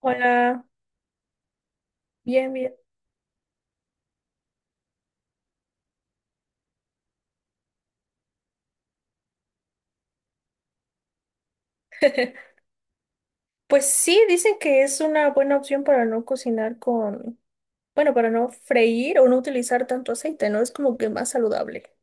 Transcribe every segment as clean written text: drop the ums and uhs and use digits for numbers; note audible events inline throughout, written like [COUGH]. Hola, bien, bien. Pues sí, dicen que es una buena opción para no cocinar bueno, para no freír o no utilizar tanto aceite, ¿no? Es como que más saludable.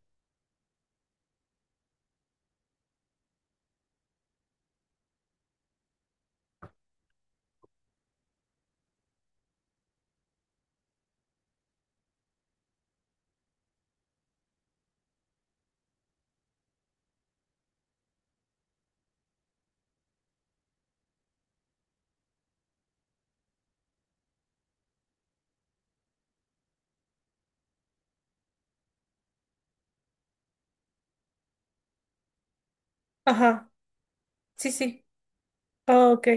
Ajá, sí, sí. Ah, ok.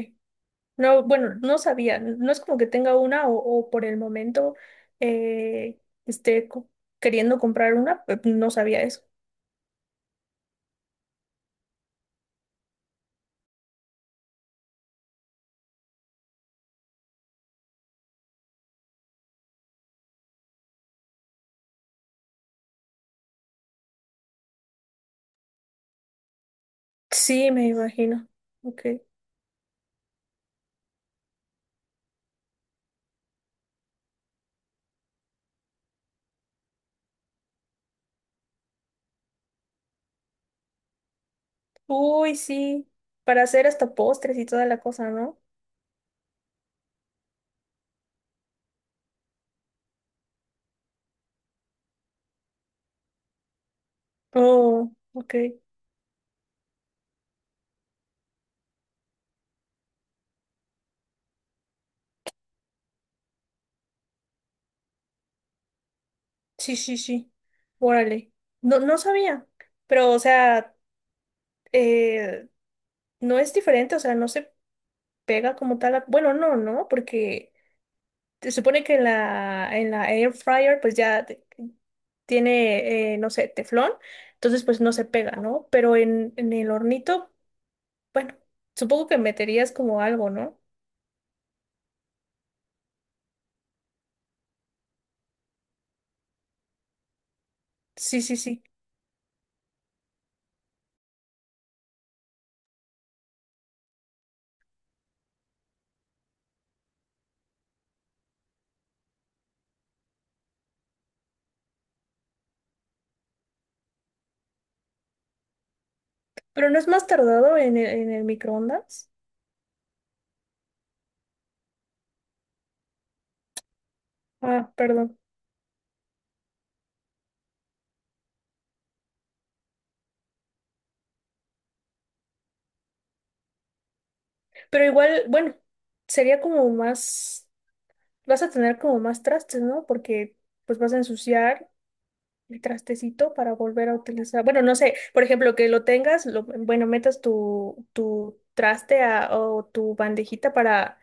No, bueno, no sabía. No es como que tenga una o por el momento eh, esté co- queriendo comprar una, no sabía eso. Sí, me imagino. Ok. Uy, sí. Para hacer hasta postres y toda la cosa, ¿no? Oh, ok. Sí, sí, sí. Órale. No, no sabía. Pero, o sea, eh, no es diferente, o sea, no se pega como tal. Bueno, no, no, porque se supone que en la air fryer, pues ya tiene, no sé, teflón, entonces pues no se pega, ¿no? Pero en el hornito, bueno, supongo que meterías como algo, ¿no? Sí, sí, sí. Pero no es más tardado en el microondas. Ah, perdón. Pero igual, bueno, sería como más. Vas a tener como más trastes, ¿no? Porque pues vas a ensuciar el trastecito para volver a utilizar. Bueno, no sé, por ejemplo, que lo tengas, lo, bueno, metas tu traste o tu bandejita para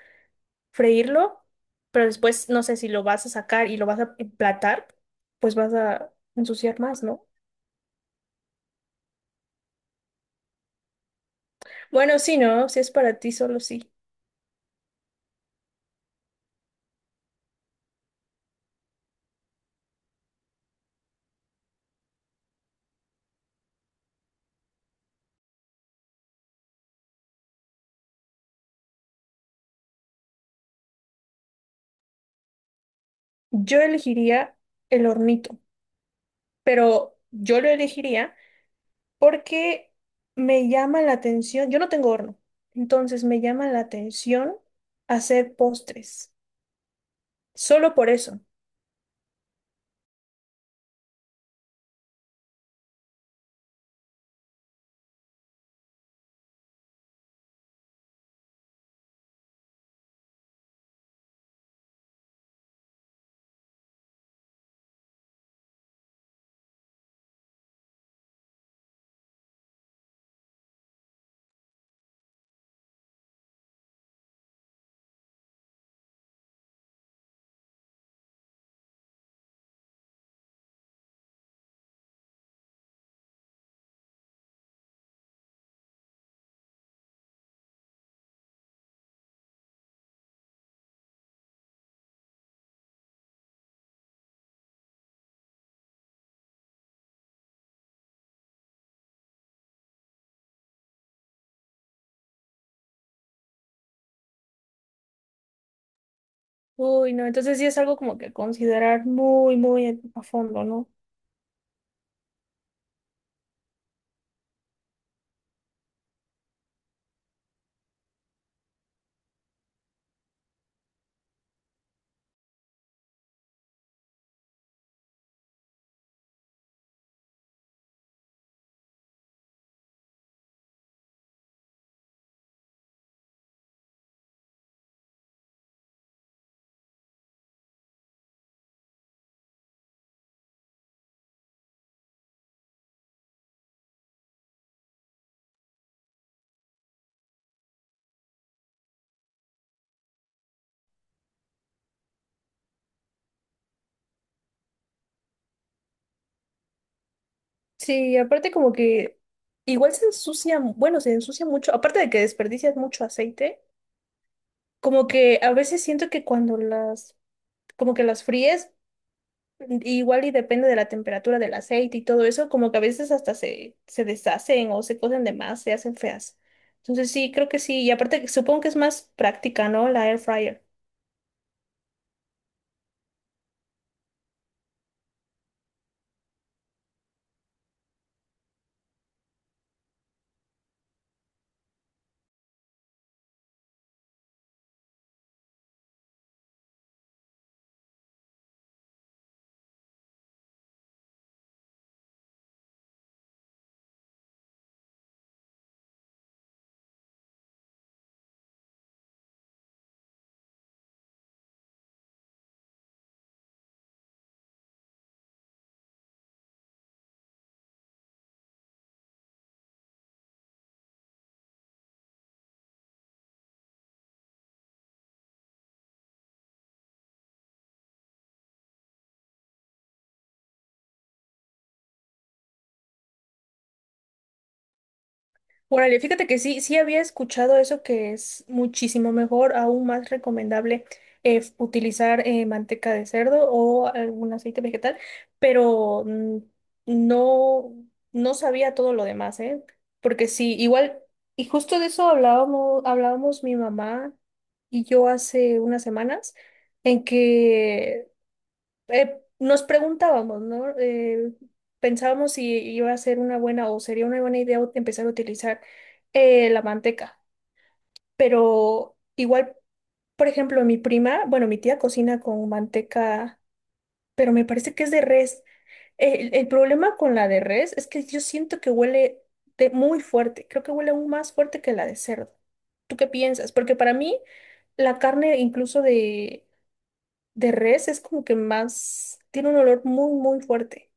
freírlo, pero después no sé si lo vas a sacar y lo vas a emplatar, pues vas a ensuciar más, ¿no? Bueno, sí, ¿no? Si es para ti, solo sí. Yo elegiría el hornito, pero yo lo elegiría. Porque me llama la atención, yo no tengo horno, entonces me llama la atención hacer postres, solo por eso. Uy, no, entonces sí es algo como que considerar muy, muy a fondo, ¿no? Sí, aparte como que igual se ensucia, bueno, se ensucia mucho, aparte de que desperdicias mucho aceite, como que a veces siento que cuando las, como que las fríes, igual y depende de la temperatura del aceite y todo eso, como que a veces hasta se, se deshacen o se cocen de más, se hacen feas. Entonces sí, creo que sí. Y aparte, supongo que es más práctica, ¿no? La air fryer. Órale, fíjate que sí, sí había escuchado eso que es muchísimo mejor, aún más recomendable utilizar manteca de cerdo o algún aceite vegetal, pero no, no sabía todo lo demás, ¿eh? Porque sí, igual, y justo de eso hablábamos, hablábamos mi mamá y yo hace unas semanas, en que nos preguntábamos, ¿no? Pensábamos si iba a ser una buena o sería una buena idea empezar a utilizar la manteca, pero igual, por ejemplo, mi prima, bueno, mi tía cocina con manteca, pero me parece que es de res. El problema con la de res es que yo siento que huele de muy fuerte, creo que huele aún más fuerte que la de cerdo. ¿Tú qué piensas? Porque para mí la carne incluso de res es como que más, tiene un olor muy, muy fuerte.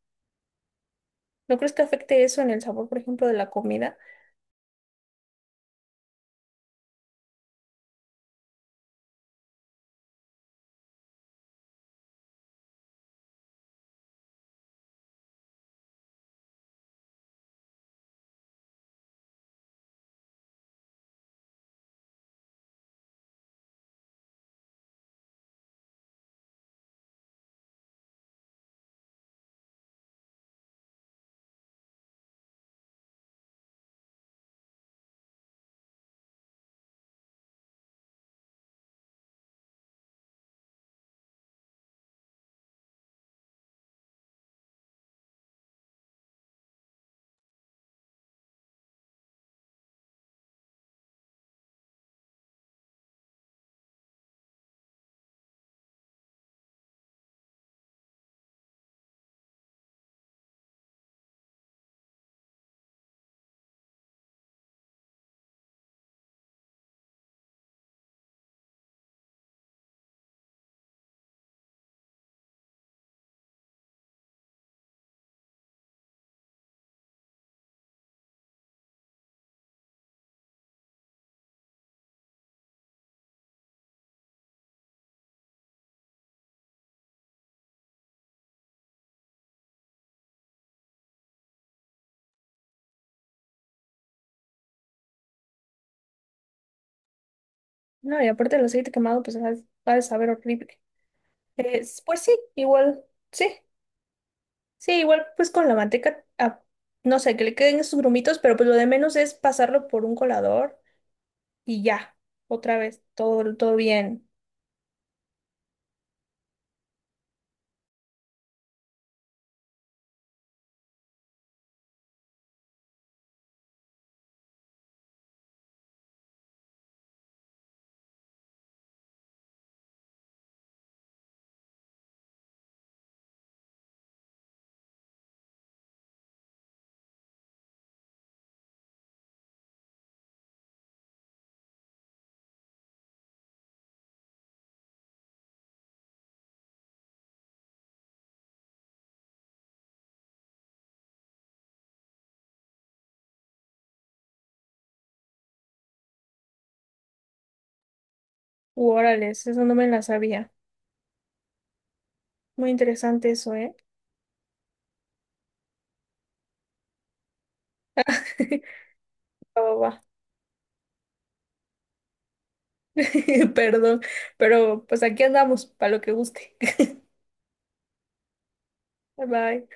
¿No crees que afecte eso en el sabor, por ejemplo, de la comida? No, y aparte el aceite quemado, pues ha de saber horrible. Es- pues sí, igual, sí, sí, igual pues con la manteca, no sé, que le queden esos grumitos, pero pues lo de menos es pasarlo por un colador y ya, otra vez, todo, todo bien. Órales, eso no me la sabía. Muy interesante eso, ¿eh? [LAUGHS] Va, va, va. [LAUGHS] Perdón, pero pues aquí andamos, para lo que guste. [LAUGHS] Bye bye.